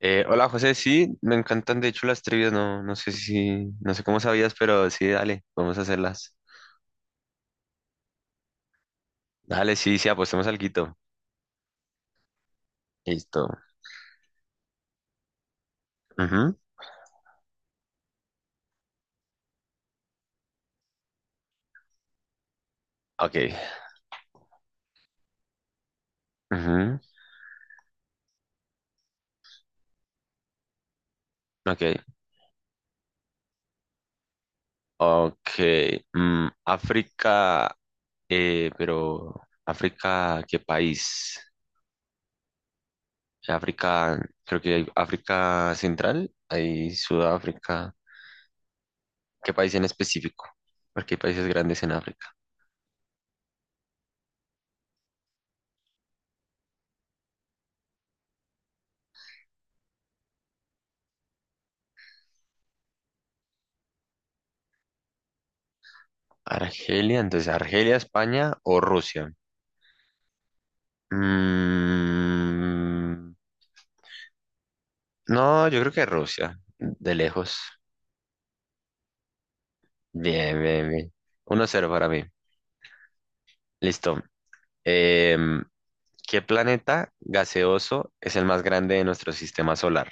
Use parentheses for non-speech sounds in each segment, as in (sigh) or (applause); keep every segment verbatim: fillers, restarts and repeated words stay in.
Eh, hola José, sí, me encantan de hecho las trivias, no, no sé si, no sé cómo sabías, pero sí, dale, vamos a hacerlas. Dale, sí, sí, apostemos alguito. Listo. Ujú. Ok. Ujú. Ok. Ok. mm, África. Eh, pero África, ¿qué país? África, creo que hay África Central, hay Sudáfrica. ¿Qué país en específico? Porque hay países grandes en África. Argelia, entonces Argelia, España o Rusia. Mm, no, yo creo que Rusia, de lejos. Bien, bien, bien. Uno cero para mí. Listo. Em, ¿Qué planeta gaseoso es el más grande de nuestro sistema solar?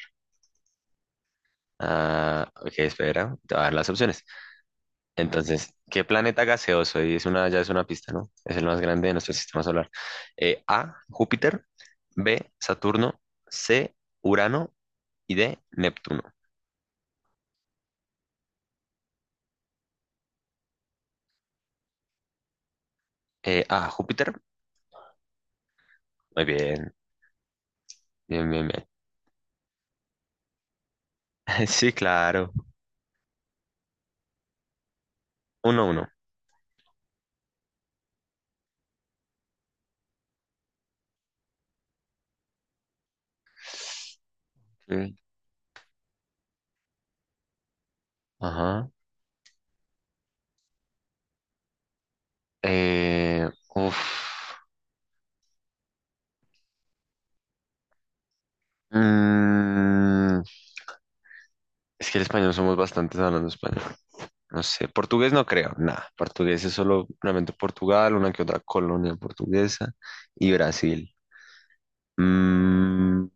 Ah, ok, espera, te voy a dar las opciones. Entonces, ¿qué planeta gaseoso? Y es una, ya es una pista, ¿no? Es el más grande de nuestro sistema solar. Eh, A, Júpiter, B, Saturno, C, Urano y D, Neptuno. Eh, A, Júpiter. Muy bien. Bien, bien, bien. (laughs) Sí, claro. Uno, uno. Sí. Ajá. Eh, Uf. Mm, es que el español somos bastantes hablando español. No sé, portugués no creo, nada. Portugués es solo realmente Portugal, una que otra colonia portuguesa y Brasil. Mm,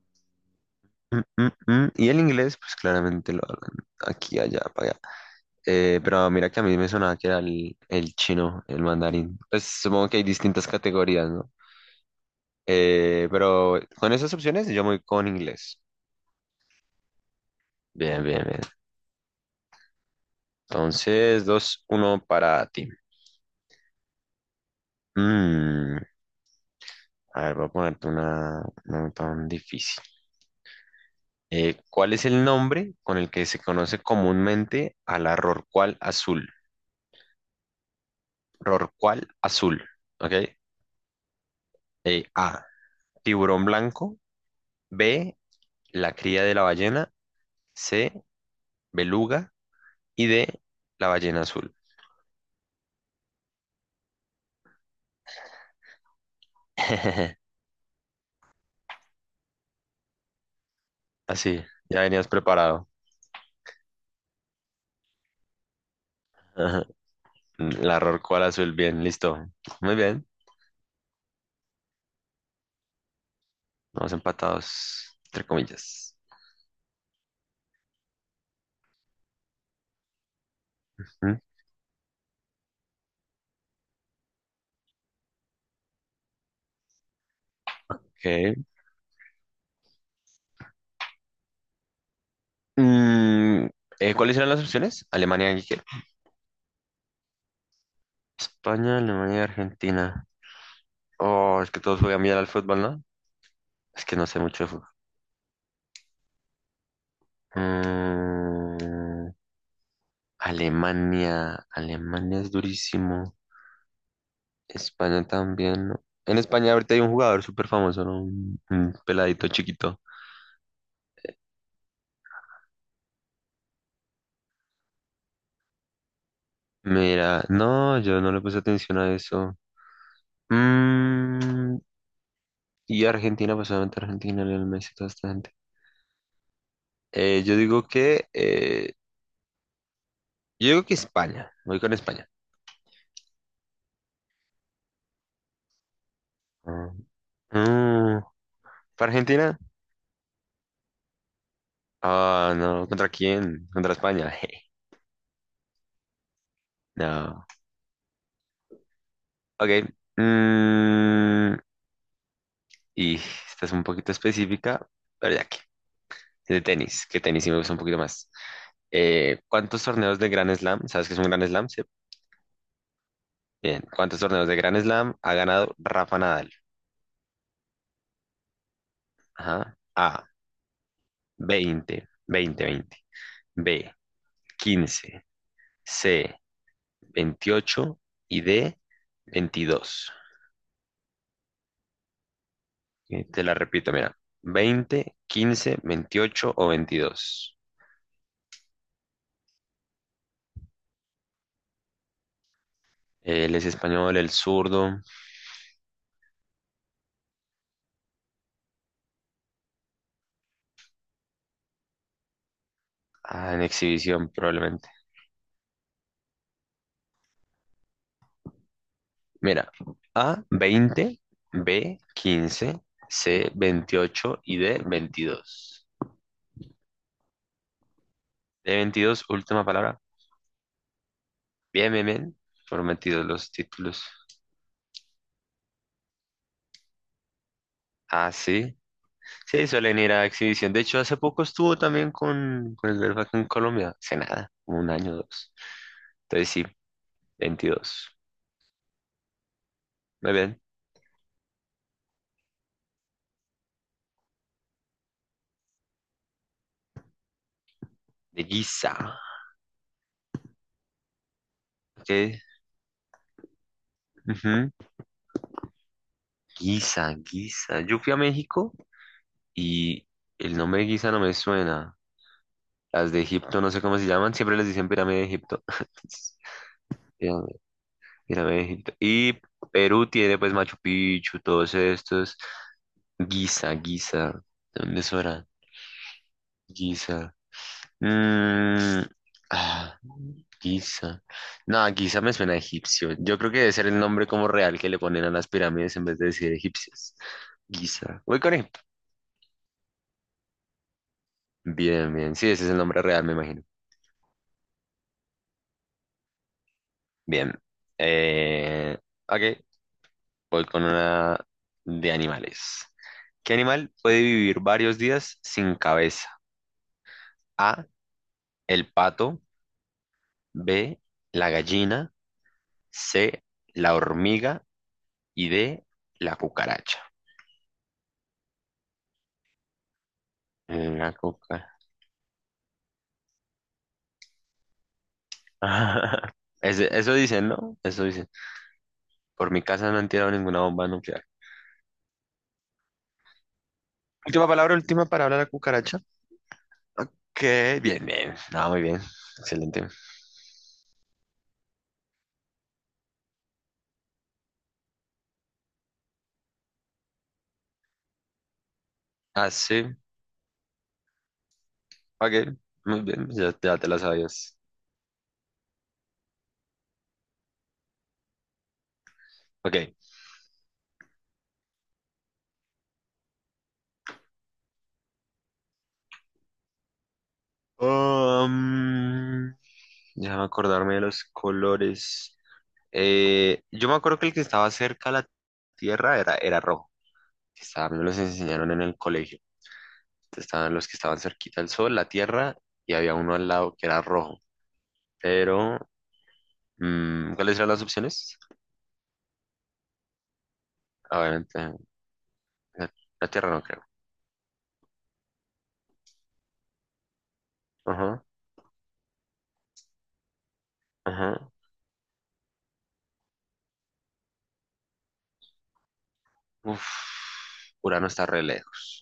mm, mm, mm. Y el inglés, pues claramente lo hablan aquí, allá, para allá. Eh, pero mira que a mí me sonaba que era el, el chino, el mandarín. Pues supongo que hay distintas categorías, ¿no? Eh, pero con esas opciones yo me voy con inglés. Bien, bien, bien. Entonces, dos uno para ti. Mm, a ver, voy a ponerte una no tan difícil. Eh, ¿cuál es el nombre con el que se conoce comúnmente a la rorcual azul? Rorcual azul, ¿ok? Eh, A, tiburón blanco. B, la cría de la ballena. C, beluga. Y D, la ballena azul. (laughs) Así, ya venías preparado. (laughs) La rorco al azul, bien, listo. Muy bien, vamos empatados, entre comillas. Mm. Ok. Mm, eh, ¿Cuáles eran las opciones? ¿Alemania y qué? España, Alemania y Argentina. Oh, es que todos juegan bien al fútbol, ¿no? Es que no sé mucho de fútbol. Mm, Alemania, Alemania es durísimo. España también, ¿no? En España ahorita hay un jugador súper famoso, ¿no? Un, un peladito chiquito. Mira, no, yo no le puse atención a eso. Mm, y Argentina, pues obviamente Argentina, Lionel Messi, toda esta gente. Eh, yo digo que, eh, yo digo que España, voy con España. Ah. Mm, ¿Para Argentina? Ah, no, ¿contra quién? Contra España. (laughs) jeje. No. Ok. mm, y esta es un poquito específica, pero ya que. De tenis, que tenis sí me gusta un poquito más. Eh, ¿cuántos torneos de Grand Slam? ¿Sabes qué es un Grand Slam? Sí. Bien. ¿Cuántos torneos de Grand Slam ha ganado Rafa Nadal? Ajá. A. veinte, veinte, veinte. B, quince. C, veintiocho y D, veintidós. Eh, Te la repito, mira. veinte, quince, veintiocho o veintidós. Él es español, el zurdo. Ah, en exhibición probablemente. Mira, A, veinte, B, quince, C, veintiocho y D, veintidós. D, veintidós, última palabra. Bien, bien, bien. Prometidos los títulos. Ah, sí. Sí, suelen ir a exhibición. De hecho, hace poco estuvo también con, con el Verfa acá en Colombia. Hace nada, como un año o dos. Entonces sí, veintidós. Muy bien. De Guisa. Ok. Ujú. Guisa, Guisa. Yo fui a México y el nombre de Guisa no me suena. Las de Egipto, no sé cómo se llaman. Siempre les dicen pirámide de Egipto. (laughs) Pirámide, pirámide de Egipto. Y Perú tiene pues Machu Picchu, todos estos. Guisa, Guisa. ¿De dónde es ahora? ¿Hora? Mm, ah, Giza. No, Giza me suena a egipcio. Yo creo que debe ser el nombre como real que le ponen a las pirámides en vez de decir egipcias. Giza. ¿Voy con él? Bien, bien. Sí, ese es el nombre real, me imagino. Bien. Eh, ok, voy con una de animales. ¿Qué animal puede vivir varios días sin cabeza? A, el pato, B, la gallina, C, la hormiga y D, la cucaracha. En la coca. (laughs) Ese- Eso dicen, ¿no? Eso dicen. Por mi casa no han tirado ninguna bomba nuclear. Última palabra, última palabra, la cucaracha. Ok, bien, bien. Ah, muy bien. Excelente. Ah, sí. Ok, muy bien. Ya, ya te la sabías. Ok. Um, Déjame acordarme de los colores. Eh, yo me acuerdo que el que estaba cerca a la tierra era, era rojo. Que estaba, me los enseñaron en el colegio. Estaban los que estaban cerquita del sol, la tierra, y había uno al lado que era rojo. Pero, mm, ¿Cuáles eran las opciones? Ah, obviamente, la, la tierra no creo. Ajá, ajá. Uf, Urano está re lejos.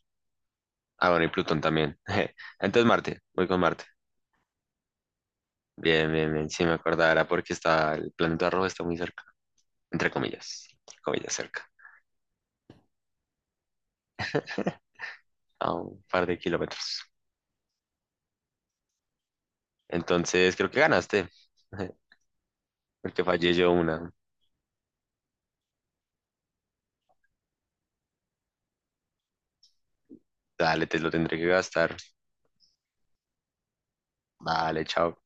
Ah, bueno, y Plutón también. (laughs) Entonces Marte, voy con Marte. Bien, bien, bien. Sí me acordaba, era porque está, el planeta rojo está muy cerca. Entre comillas, comillas cerca. (laughs) A un par de kilómetros. Entonces creo que ganaste. (laughs) Porque fallé yo una. Dale, te lo tendré que gastar. Vale, chao.